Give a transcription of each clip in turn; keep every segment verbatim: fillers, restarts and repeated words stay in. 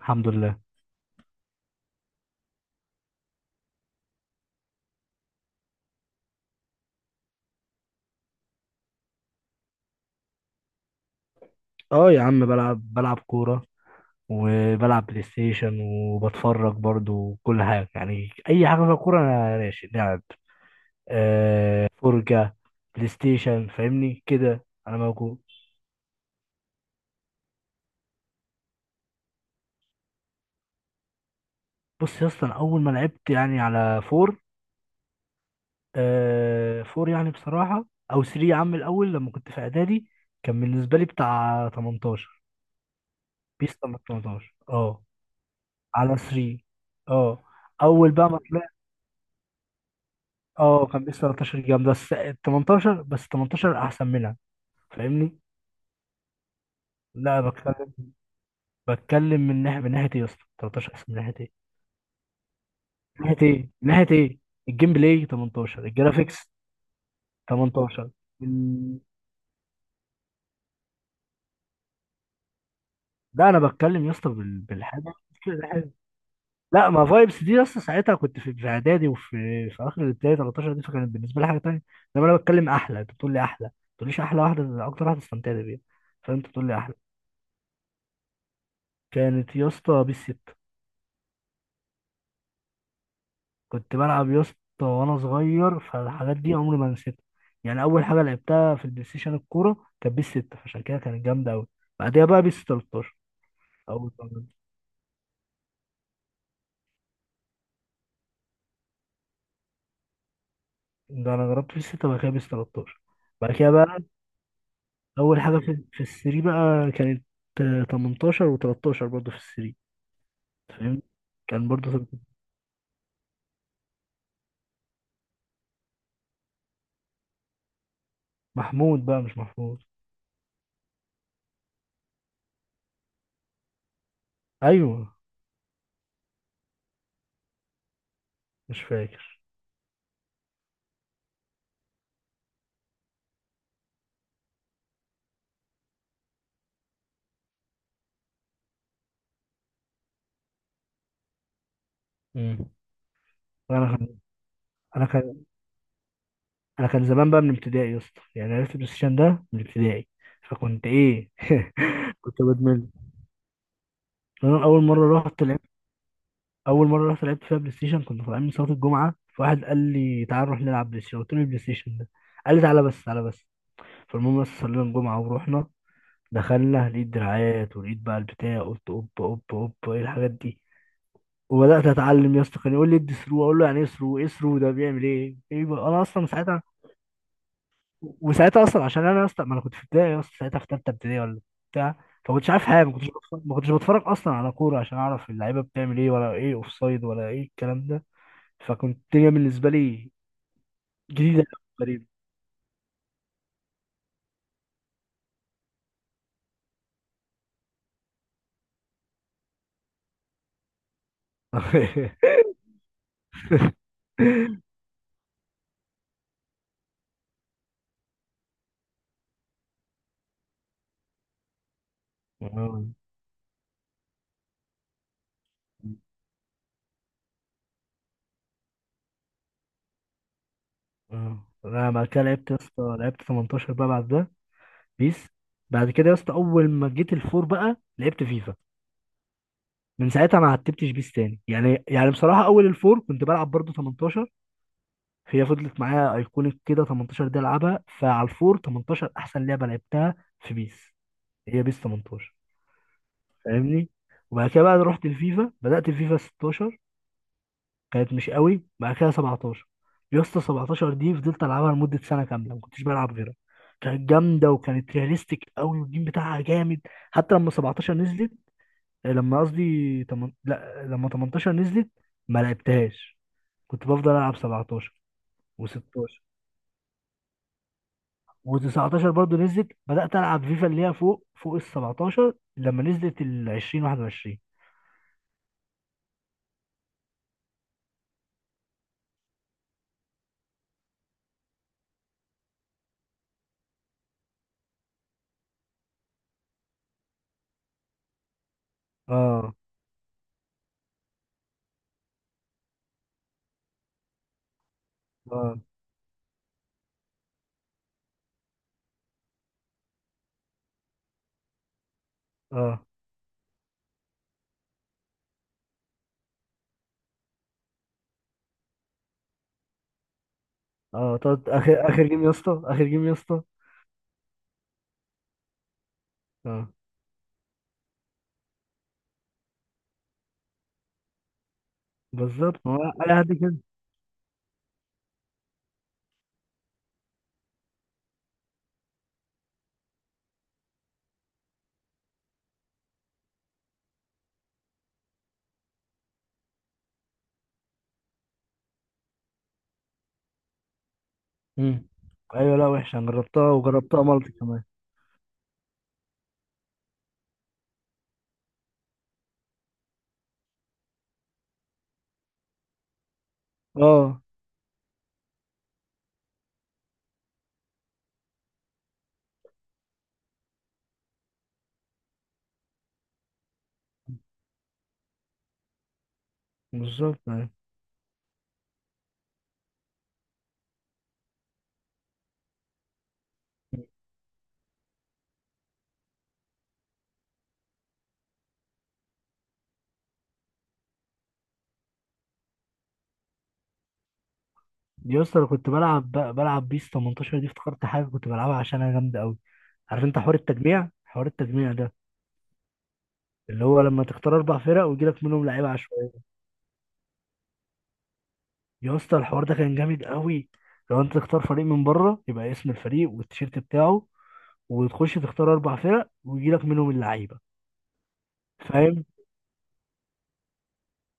الحمد لله. اه، يا عم بلعب بلعب كورة، وبلعب بلاي ستيشن، وبتفرج برضو كل حاجة. يعني أي حاجة فيها كورة أنا ماشي لعب، آه، فرجة، بلاي ستيشن، فاهمني كده أنا موجود. بص يا اسطى، أنا أول ما لعبت يعني على فور، آه فور يعني بصراحة، أو تلاتة يا عم الأول لما كنت في إعدادي كان بالنسبة لي بتاع تمنتاشر. بيس تمنتاشر، اه. على تلاتة، اه. أول بقى ما طلعت، اه، كان بيس ثلاثة عشر جامدة، بس ال تمنتاشر، بس تمنتاشر احسن منها، فاهمني. لا، أنا بتكلم بتكلم من ناحية من ناحية ايه يا اسطى؟ تلتاشر احسن من ناحية ايه؟ من ناحية ايه؟ من ناحية ايه؟ الجيم بلاي تمنتاشر، الجرافيكس ثمانية عشر. ال- لا، انا بتكلم يا اسطى بال- بالحاجة. الحاجة- لا، ما فايبس دي يا اسطى، ساعتها كنت في في اعدادي، وفي في اخر الابتدائي، ثلاثة عشر دي، فكانت بالنسبة لي حاجة تانية. انما انا بتكلم احلى، انت بتقول لي احلى، ما تقوليش احلى واحدة، اكتر واحدة استمتعت بيها، فانت بتقول لي احلى. كانت يا اسطى بيس ستة. كنت بلعب يا اسطى وانا صغير، فالحاجات دي عمري ما نسيتها. يعني اول حاجه لعبتها في البلاي ستيشن الكوره كانت بيس ستة، فعشان كده كانت جامده قوي. بعدها بقى بيس تلتاشر. اول مرة. ده انا جربت بيس ستة وبعد كده بيس تلتاشر. بعد كده بقى اول حاجه في, في السري بقى كانت آه، تمنتاشر و13 برضه في السري. فاهم؟ كان برضه محمود، بقى مش محمود. ايوه، مش فاكر. امم، انا كان انا كان انا كان زمان بقى من ابتدائي يا اسطى، يعني عرفت البلاي ستيشن ده من ابتدائي، فكنت ايه كنت بدمن. انا اول مره رحت لعبت اول مره رحت لعبت فيها بلاي ستيشن كنت طالعين من صلاه الجمعه، فواحد قال لي تعال نروح نلعب بلاي ستيشن، قلت له إيه البلاي ستيشن ده؟ قال لي تعالى بس، تعالى بس. فالمهم، بس صلينا الجمعه ورحنا. دخلنا، لقيت دراعات ولقيت بقى البتاع، قلت اوب اوب اوب، ايه الحاجات دي؟ وبدات اتعلم يا اسطى، كان يقول لي ادي ثرو، اقول له يعني ايه ثرو؟ ايه ثرو ده بيعمل ايه؟ ايه بقى؟ انا اصلا ساعتها، وساعتها اصلا، عشان انا اصلا، ما انا كنت في ابتدائي اصلا ساعتها في ثالثه ابتدائي ولا، بتاع. فما كنتش عارف حاجه، ما كنتش بتفرج ما كنتش بتفرج اصلا على كوره عشان اعرف اللعيبه بتعمل ايه، ولا ايه اوف سايد ولا ايه الكلام ده. فكنت الدنيا بالنسبه لي جديده، غريبه آه. آه، انا بعد كده لعبت يا اسطى لعبت تمنتاشر بقى بعد ده، بيس. بعد كده يا اسطى اول ما جيت الفور بقى لعبت فيفا، من ساعتها ما عتبتش بيس تاني، يعني يعني بصراحه، اول الفور كنت بلعب برضو ثمانية عشر. هي فضلت معايا ايكونيك كده، تمنتاشر دي العبها، فعلى الفور تمنتاشر احسن لعبه لعبتها في بيس، هي بيس تمنتاشر، فاهمني. وبعد كده بقى رحت الفيفا، بدات الفيفا ستاشر، كانت مش قوي، بعد كده سبعة عشر. يا اسطى سبعتاشر دي فضلت العبها لمده سنه كامله، ما كنتش بلعب غيرها، كانت جامده وكانت رياليستيك قوي والجيم بتاعها جامد. حتى لما سبعتاشر نزلت، لما قصدي تمن... لا، لما تمنتاشر نزلت ما لعبتهاش، كنت بفضل العب سبعتاشر و16. و19 برضو نزلت، بدأت ألعب فيفا اللي هي فوق فوق ال سبعتاشر. لما نزلت ال عشرين واحد وعشرين، اه اه اه اه، تقعد اخر اخر جيم يا اسطى، اخر جيم يا اسطى. اه، بالظبط، ما هو اي حد كده. مم. ايوه، لا وحشه، أنا جربتها وجربتها مالتي كمان. اه، بالظبط، أيوة. دي يا اسطى انا كنت بلعب ب- بلعب بيس تمنتاشر، دي افتكرت حاجه كنت بلعبها عشان انا جامده قوي. عارف انت حوار التجميع حوار التجميع ده اللي هو لما تختار اربع فرق ويجي لك منهم لعيبه عشوائيه. يا اسطى الحوار ده كان جامد قوي. لو انت تختار فريق من بره يبقى اسم الفريق والتيشيرت بتاعه، وتخش تختار اربع فرق ويجي لك منهم اللعيبه، فاهم؟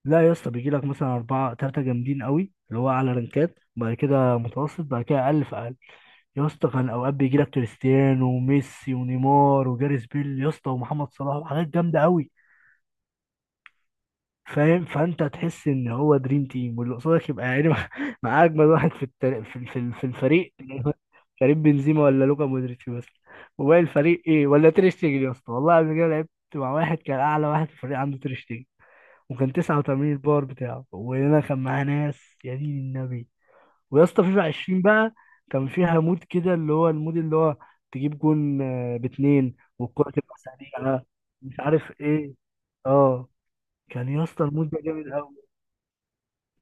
لا يا اسطى بيجي لك مثلا اربعه، ثلاثه جامدين قوي اللي هو اعلى رانكات، بعد كده متوسط، بعد كده اقل في اقل. يا اسطى كان اوقات بيجي لك كريستيانو وميسي ونيمار وجاريث بيل يا اسطى، ومحمد صلاح، وحاجات جامده قوي. فاهم، فانت تحس ان هو دريم تيم، واللي قصادك يبقى يعني مع مع اجمد واحد في التل... في ال- في ال- في الفريق يعني هو كريم بنزيما ولا لوكا مودريتش بس، وباقي الفريق ايه؟ ولا تير شتيجن؟ يا اسطى، والله قبل كده لعبت مع واحد كان اعلى واحد في الفريق عنده تير شتيجن، وكان تسعة وتمانين الباور بتاعه، وانا كان معاه ناس، يا دين النبي. ويا اسطى فيفا عشرين بقى كان فيها مود كده اللي هو المود اللي هو تجيب جون آه، باتنين والكرة تبقى سريعة. مش عارف ايه. اه، كان يا اسطى المود ده جامد.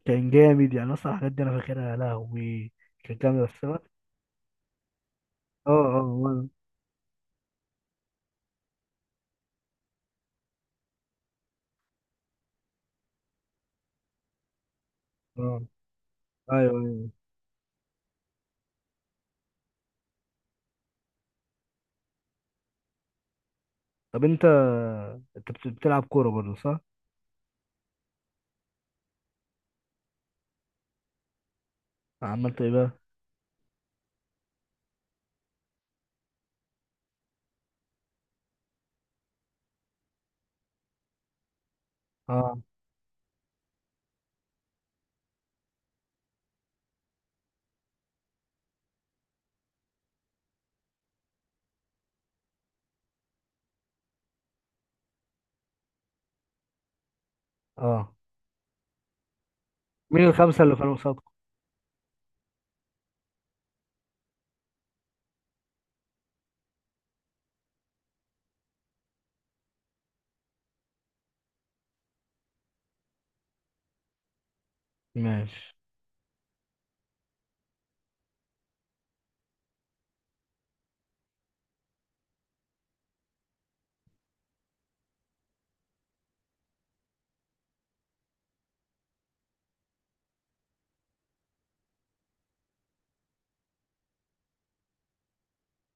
كان جامد، يعني اصلا الحاجات دي انا فاكرها يا لهوي. كان جامد، بس أنا- اه. اه، وأنا- اه. ايوه، ايوه. طب انت انت بت- بتلعب كوره برضه صح؟ عملت ايه بقى؟ اه، اه. مين الخمسه اللي كانوا قصادكم؟ ماشي،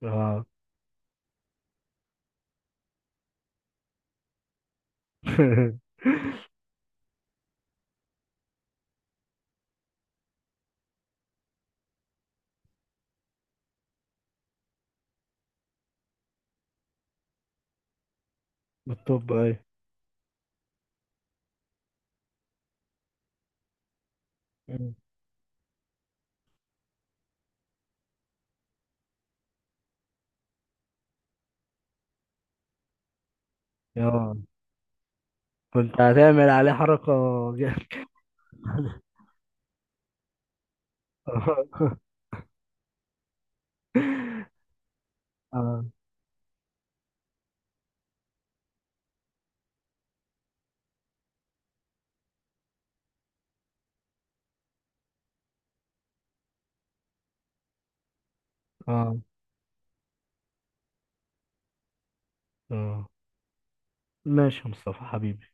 اه بالطب، ايوه. مم. اه، كنت هتعمل عليه حركه جامده اه اه اه. ماشي يا مصطفى حبيبي.